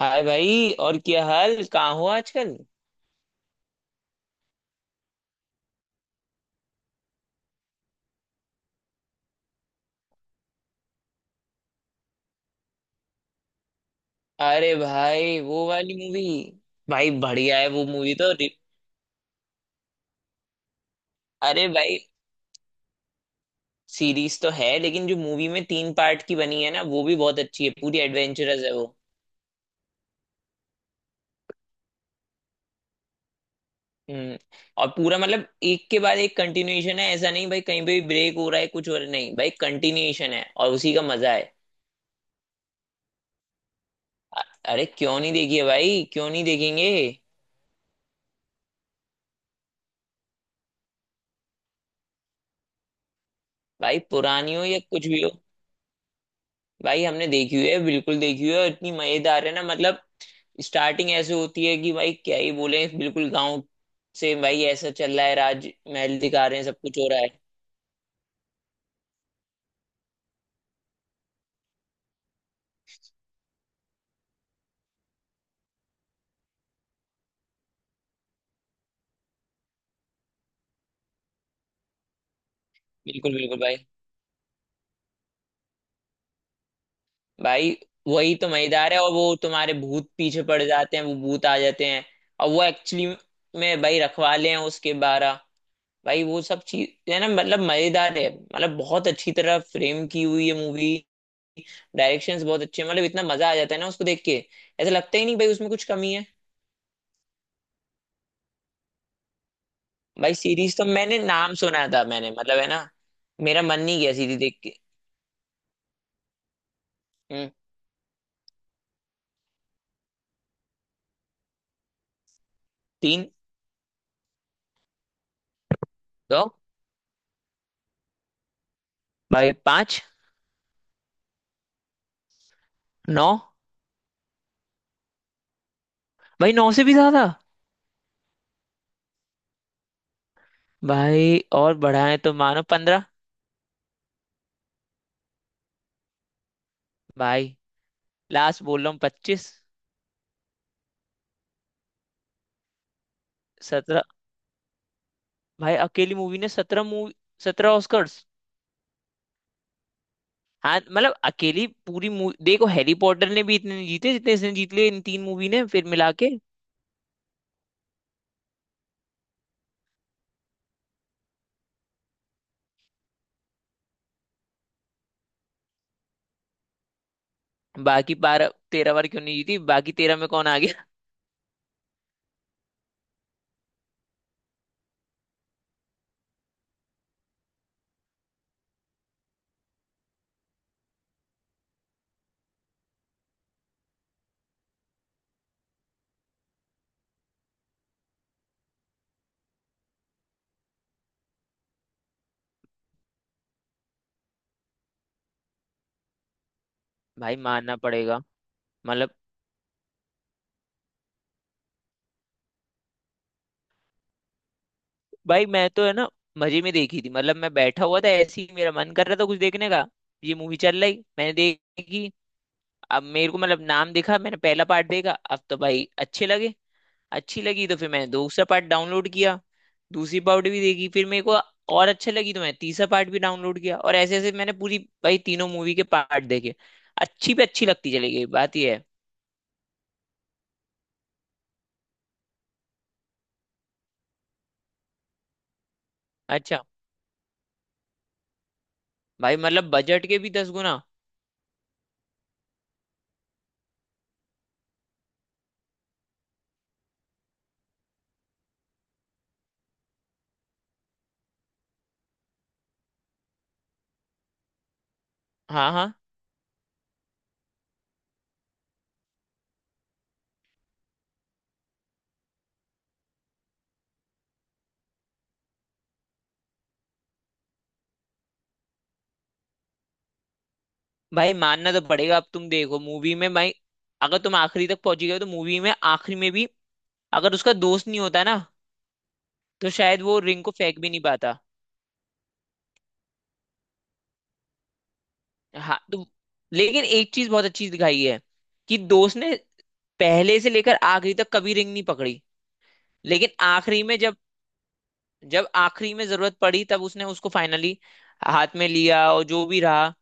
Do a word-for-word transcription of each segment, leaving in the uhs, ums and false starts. हाय भाई, और क्या हाल, कहाँ हो आजकल। अरे भाई, वो वाली मूवी। भाई बढ़िया है वो मूवी तो रि- अरे भाई, सीरीज तो है लेकिन जो मूवी में तीन पार्ट की बनी है ना, वो भी बहुत अच्छी है, पूरी एडवेंचरस है वो। हम्म। और पूरा मतलब एक के बाद एक कंटिन्यूएशन है, ऐसा नहीं भाई कहीं पे भी ब्रेक हो रहा है कुछ हो रहा है, नहीं भाई कंटिन्यूएशन है और उसी का मजा है। अरे क्यों नहीं देखी है भाई, क्यों नहीं देखेंगे। भाई पुरानी हो या कुछ भी हो। भाई हमने देखी हुई है, बिल्कुल देखी हुई है, और इतनी मजेदार है ना मतलब। स्टार्टिंग ऐसे होती है कि भाई क्या ही बोले, बिल्कुल गांव से भाई ऐसा चल रहा है, राज महल दिखा रहे हैं, सब कुछ हो रहा है। बिल्कुल बिल्कुल भाई। भाई वही तो मजेदार है, और वो तुम्हारे भूत पीछे पड़ जाते हैं, वो भूत आ जाते हैं। और वो एक्चुअली में भाई रखवाले हैं उसके बारह। भाई वो सब चीज है ना, मतलब मजेदार है, मतलब बहुत अच्छी तरह फ्रेम की हुई है मूवी। डायरेक्शंस बहुत अच्छे हैं, मतलब इतना मजा आ जाता है ना उसको देख के, ऐसा लगता ही नहीं भाई उसमें कुछ कमी है। भाई सीरीज तो मैंने नाम सुना था, मैंने मतलब है ना, मेरा मन नहीं गया सीरीज देख के। हम्म। तीन। दो। भाई पांच। नौ। भाई नौ से भी ज्यादा। भाई और बढ़ाए तो मानो पंद्रह। भाई लास्ट बोल रहा हूँ, पच्चीस। सत्रह। भाई अकेली मूवी ने सत्रह मूवी। सत्रह ऑस्कर्स। हाँ मतलब अकेली पूरी मूवी, देखो हैरी पॉटर ने भी इतने नहीं जीते जितने इसने जीत लिए, इन तीन मूवी ने फिर मिला के। बाकी बारह तेरह बार क्यों नहीं जीती, बाकी तेरह में कौन आ गया। भाई मानना पड़ेगा। मतलब। भाई मैं तो है ना मजे में देखी थी, मतलब मैं बैठा हुआ था ऐसे ही, मेरा मन कर रहा था कुछ देखने का। ये मूवी चल रही। मैंने देखी। अब मेरे को मतलब नाम दिखा, मैंने पहला पार्ट देखा, अब तो भाई अच्छे लगे। अच्छी लगी तो फिर मैंने दूसरा पार्ट डाउनलोड किया। दूसरी पार्ट भी देखी, फिर मेरे को और अच्छा लगी तो मैंने तीसरा पार्ट भी डाउनलोड किया, और ऐसे ऐसे मैंने पूरी। भाई तीनों मूवी के पार्ट देखे। अच्छी पे अच्छी लगती चली गई, बात यह है। अच्छा। भाई मतलब बजट के भी दस गुना। हाँ हाँ। भाई मानना तो पड़ेगा, अब तुम देखो मूवी में भाई, अगर तुम आखिरी तक पहुंची गए हो, तो मूवी में आखिरी में भी अगर उसका दोस्त नहीं होता ना, तो शायद वो रिंग को फेंक भी नहीं पाता। हाँ तो, लेकिन एक चीज बहुत अच्छी दिखाई है कि दोस्त ने पहले से लेकर आखिरी तक कभी रिंग नहीं पकड़ी। लेकिन आखिरी में जब, जब आखिरी में जरूरत पड़ी, तब उसने उसको फाइनली हाथ में लिया, और जो भी रहा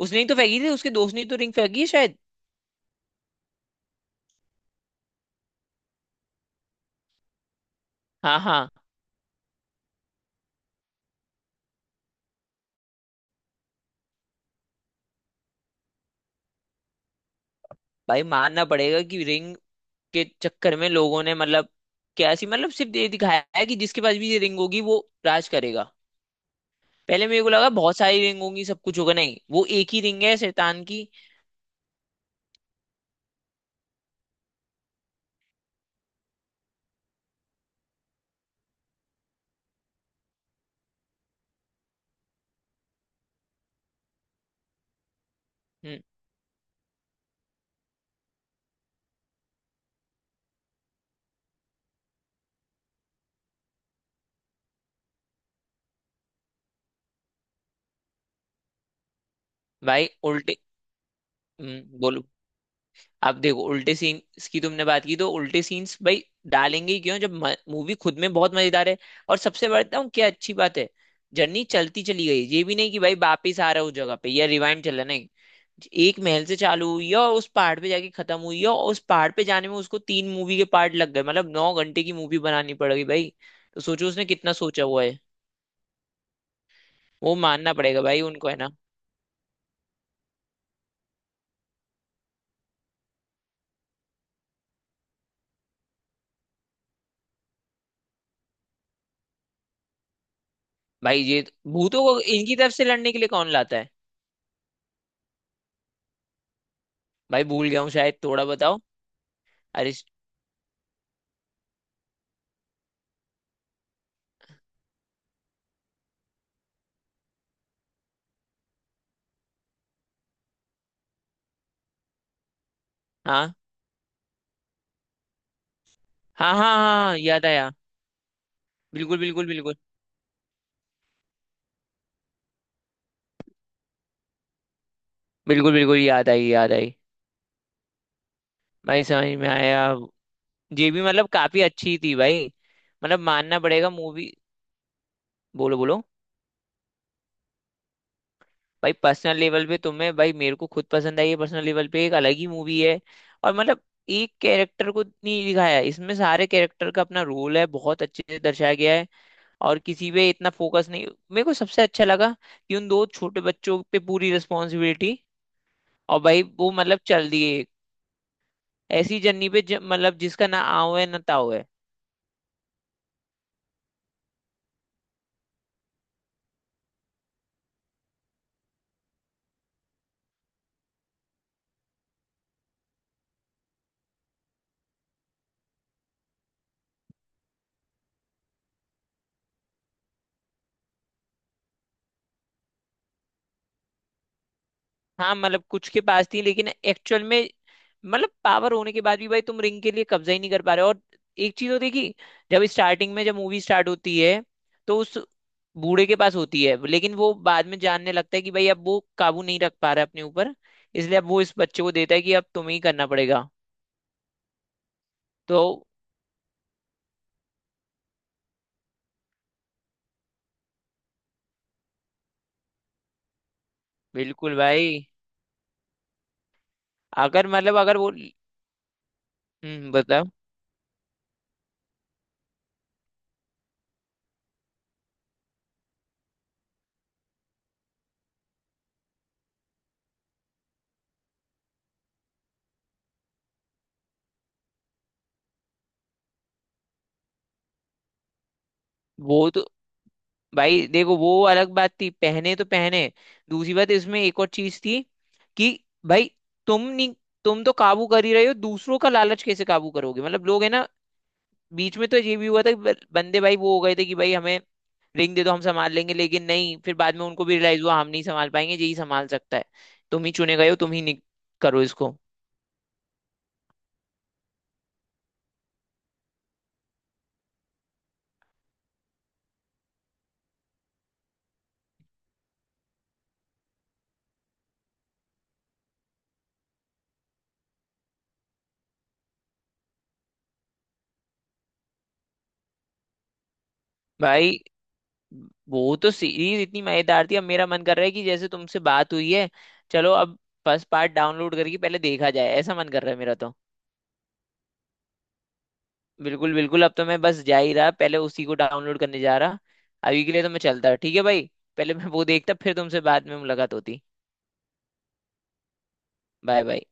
उसने ही तो फेंकी थी, उसके दोस्त ने ही तो रिंग फेंकी है शायद। हाँ हाँ। भाई मानना पड़ेगा कि रिंग के चक्कर में लोगों ने मतलब क्या ऐसी, मतलब सिर्फ ये दिखाया है कि जिसके पास भी ये रिंग होगी वो राज करेगा। पहले मेरे को लगा बहुत सारी रिंग होंगी सब कुछ होगा, नहीं वो एक ही रिंग है शैतान की। हम्म। भाई उल्टे। हम्म बोलो। आप देखो उल्टे सीन की तुमने बात की, तो उल्टे सीन्स भाई डालेंगे ही क्यों जब मूवी खुद में बहुत मजेदार है। और सबसे बढ़ता हूँ क्या अच्छी बात है, जर्नी चलती चली गई, ये भी नहीं कि भाई वापिस आ रहा हूँ जगह पे या रिवाइंड चल रहा है, नहीं। एक महल से चालू हुई है और उस पहाड़ पे जाके खत्म हुई है, और उस पहाड़ पे जाने में उसको तीन मूवी के पार्ट लग गए, मतलब नौ घंटे की मूवी बनानी पड़ेगी भाई। तो सोचो उसने कितना सोचा हुआ है। वो मानना पड़ेगा भाई उनको है ना। भाई ये भूतों को इनकी तरफ से लड़ने के लिए कौन लाता है। भाई भूल गया हूँ शायद, थोड़ा बताओ। अरे। हाँ हाँ हाँ हाँ, हाँ, याद आया। बिल्कुल बिल्कुल बिल्कुल। बिल्कुल बिल्कुल याद आई याद आई। भाई समझ में आया। ये भी मतलब काफी अच्छी थी भाई। मतलब मानना पड़ेगा मूवी। बोलो बोलो। भाई पर्सनल लेवल पे तुम्हें, भाई मेरे को खुद पसंद आई है, पर्सनल लेवल पे एक अलग ही मूवी है। और मतलब एक कैरेक्टर को नहीं दिखाया है। इसमें सारे कैरेक्टर का अपना रोल है, बहुत अच्छे से दर्शाया गया है। और किसी पे इतना फोकस नहीं, मेरे को सबसे अच्छा लगा कि उन दो छोटे बच्चों पे पूरी रिस्पॉन्सिबिलिटी। और भाई वो मतलब चल दिए ऐसी जर्नी पे ज- मतलब जिसका ना आओ है ना ताओ है। हाँ मतलब कुछ के पास थी, लेकिन एक्चुअल में मतलब पावर होने के बाद भी भाई तुम रिंग के लिए कब्जा ही नहीं कर पा रहे हो। और एक चीज होती है कि जब स्टार्टिंग में जब मूवी स्टार्ट होती है तो उस बूढ़े के पास होती है, लेकिन वो बाद में जानने लगता है कि भाई अब वो काबू नहीं रख पा रहा है अपने ऊपर, इसलिए अब वो इस बच्चे को देता है कि अब तुम्हें ही करना पड़ेगा। तो बिल्कुल भाई। अगर मतलब अगर वो। हम्म बताओ। वो तो भाई देखो वो अलग बात थी, पहने तो पहने। दूसरी बात इसमें एक और चीज थी कि भाई तुम नहीं, तुम तो काबू कर ही रहे हो, दूसरों का लालच कैसे काबू करोगे, मतलब लोग है ना। बीच में तो ये भी हुआ था कि ब- बंदे भाई वो हो गए थे कि भाई हमें रिंग दे दो हम संभाल लेंगे, लेकिन नहीं फिर बाद में उनको भी रियलाइज हुआ हम नहीं संभाल पाएंगे, यही संभाल सकता है। तुम ही चुने गए हो, तुम ही नि- करो इसको। भाई वो तो सीरीज इतनी मजेदार थी, अब मेरा मन कर रहा है कि जैसे तुमसे बात हुई है, चलो अब फर्स्ट पार्ट डाउनलोड करके पहले देखा जाए, ऐसा मन कर रहा है मेरा तो। बिल्कुल बिल्कुल, अब तो मैं बस जा ही रहा, पहले उसी को डाउनलोड करने जा रहा। अभी के लिए तो मैं चलता, ठीक है भाई। पहले मैं वो देखता, फिर तुमसे बाद में मुलाकात होती। Bye bye.